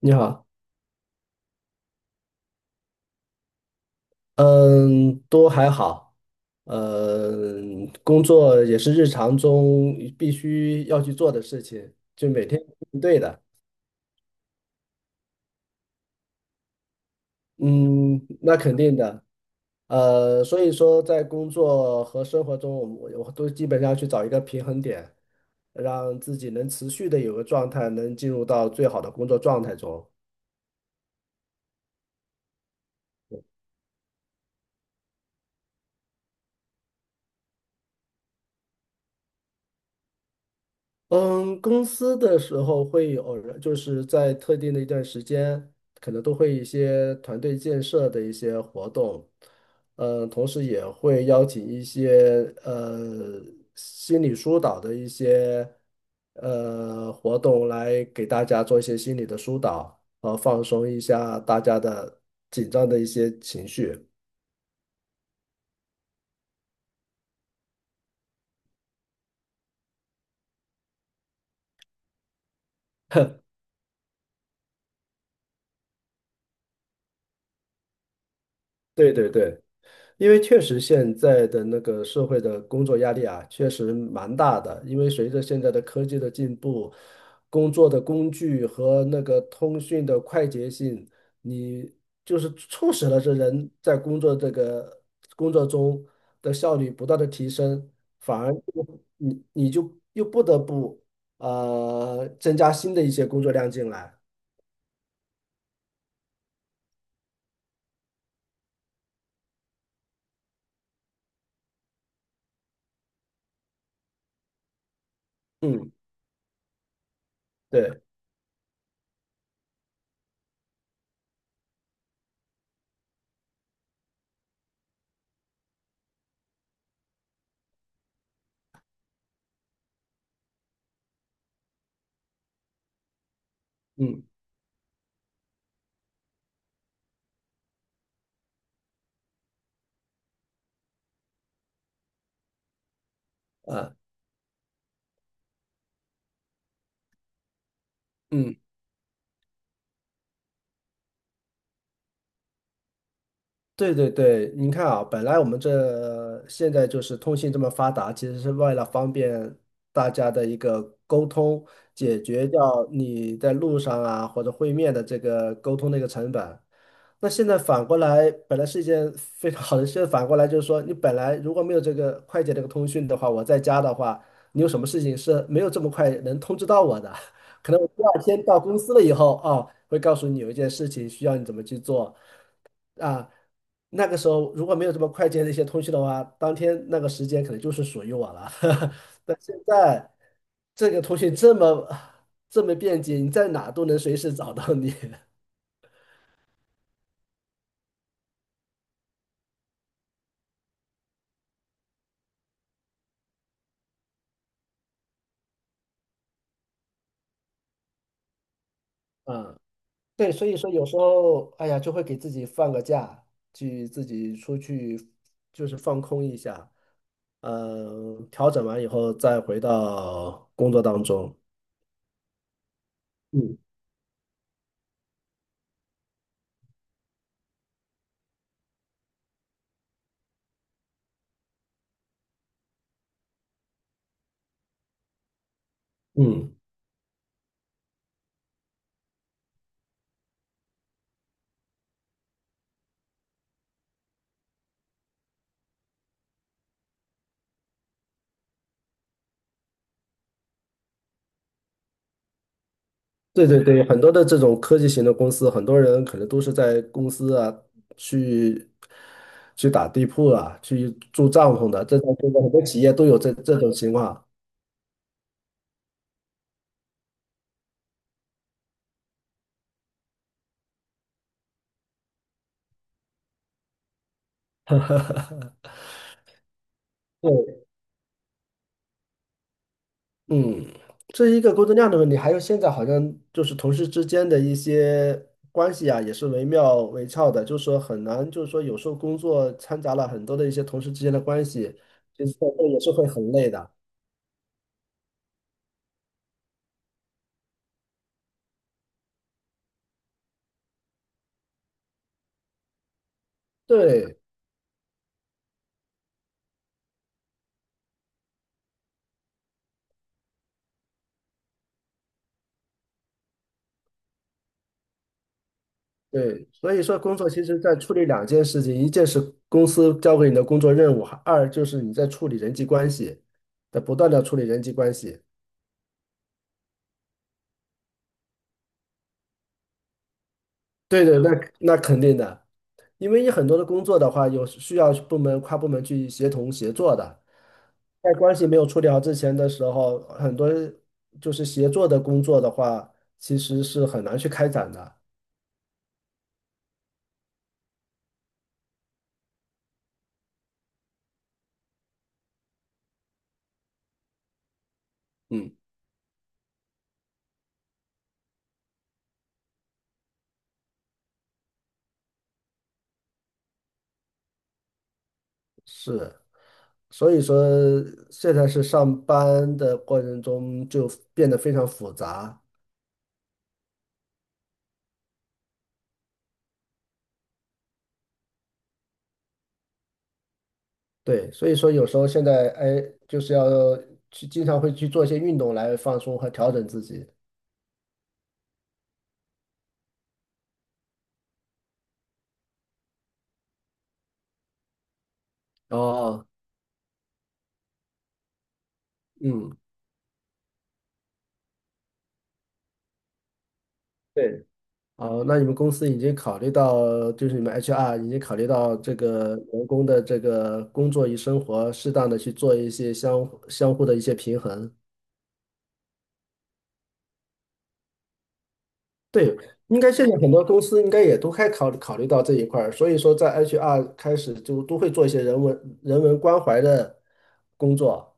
你好。嗯，都还好。工作也是日常中必须要去做的事情，就每天应对的。嗯，那肯定的。所以说在工作和生活中，我都基本上去找一个平衡点，让自己能持续的有个状态，能进入到最好的工作状态中。嗯，公司的时候会有人，就是在特定的一段时间，可能都会一些团队建设的一些活动。嗯，同时也会邀请一些心理疏导的一些活动来给大家做一些心理的疏导，放松一下大家的紧张的一些情绪。对对对。因为确实现在的那个社会的工作压力啊，确实蛮大的。因为随着现在的科技的进步，工作的工具和那个通讯的快捷性，你就是促使了这人在工作这个工作中的效率不断的提升，反而就你就又不得不增加新的一些工作量进来。嗯，对，嗯啊，嗯。对对对，您看啊，本来我们这现在就是通信这么发达，其实是为了方便大家的一个沟通，解决掉你在路上啊或者会面的这个沟通的一个成本。那现在反过来，本来是一件非常好的事，现在反过来就是说，你本来如果没有这个快捷这个通讯的话，我在家的话，你有什么事情是没有这么快能通知到我的，可能我第二天到公司了以后，啊，会告诉你有一件事情需要你怎么去做。啊，那个时候如果没有这么快捷的一些通讯的话，当天那个时间可能就是属于我了。但现在这个通讯这么便捷，你在哪都能随时找到你。嗯，对，所以说有时候，哎呀，就会给自己放个假，去自己出去，就是放空一下。嗯，调整完以后再回到工作当中。嗯嗯。对对对，很多的这种科技型的公司，很多人可能都是在公司啊去去打地铺啊，去住帐篷的，这种很多企业都有这种情况。对。嗯，这是一个工作量的问题，还有现在好像就是同事之间的一些关系啊，也是惟妙惟肖的，就是说很难，就是说有时候工作掺杂了很多的一些同事之间的关系，其实这也是会很累的。对，对，所以说工作其实在处理两件事情，一件是公司交给你的工作任务，二就是你在处理人际关系，在不断的处理人际关系。对对，那肯定的，因为你很多的工作的话，有需要部门跨部门去协同协作的，在关系没有处理好之前的时候，很多就是协作的工作的话，其实是很难去开展的。嗯，是。所以说现在是上班的过程中就变得非常复杂。对，所以说有时候现在哎，就是要去经常会去做一些运动来放松和调整自己。哦，嗯，对。哦，那你们公司已经考虑到，就是你们 HR 已经考虑到这个员工的这个工作与生活，适当的去做一些相互的一些平衡。对，应该现在很多公司应该也都考虑到这一块儿，所以说在 HR 开始就都会做一些人文关怀的工作。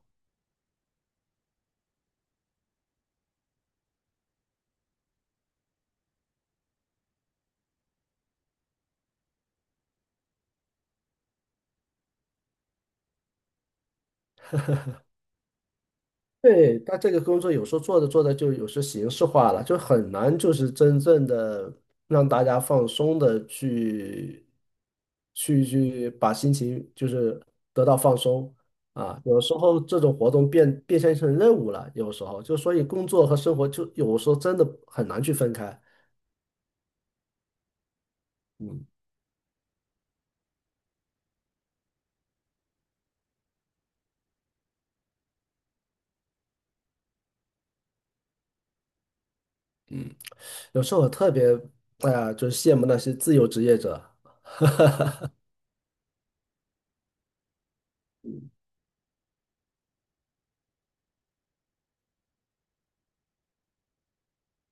对，但这个工作有时候做着做着就有时形式化了，就很难就是真正的让大家放松的去把心情就是得到放松啊。有时候这种活动变现成任务了，有时候就所以工作和生活就有时候真的很难去分开。嗯，有时候我特别，哎呀，就是羡慕那些自由职业者。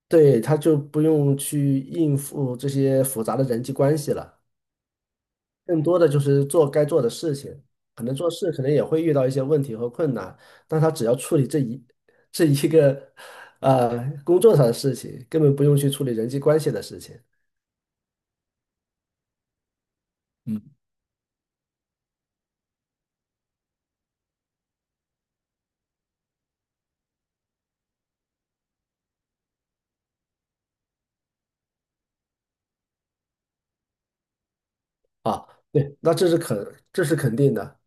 对，他就不用去应付这些复杂的人际关系了，更多的就是做该做的事情。可能做事可能也会遇到一些问题和困难，但他只要处理这一个工作上的事情，根本不用去处理人际关系的事情。嗯，啊。对，那这是肯定的。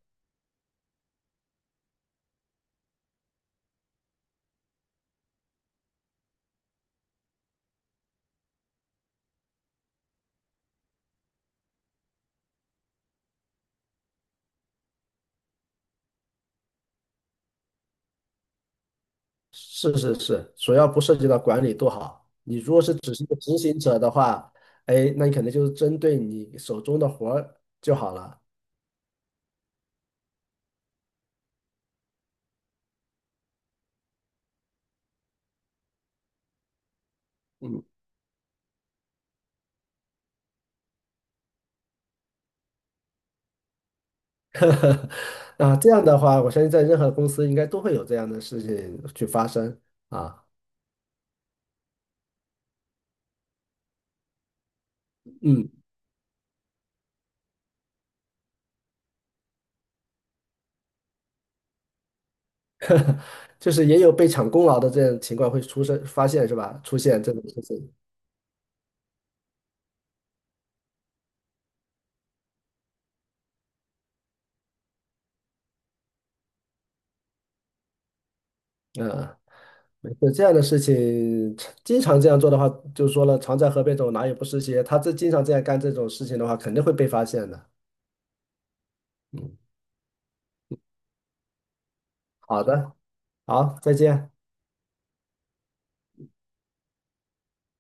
是是是，主要不涉及到管理多好。你如果是只是一个执行者的话，哎，那你肯定就是针对你手中的活儿就好了。嗯。啊，这样的话，我相信在任何公司应该都会有这样的事情去发生啊。嗯。就是也有被抢功劳的这样情况会发现是吧？出现这种事情。嗯。没事这样的事情，经常这样做的话，就说了，常在河边走，哪有不湿鞋？他这经常这样干这种事情的话，肯定会被发现的。好的。好，再见。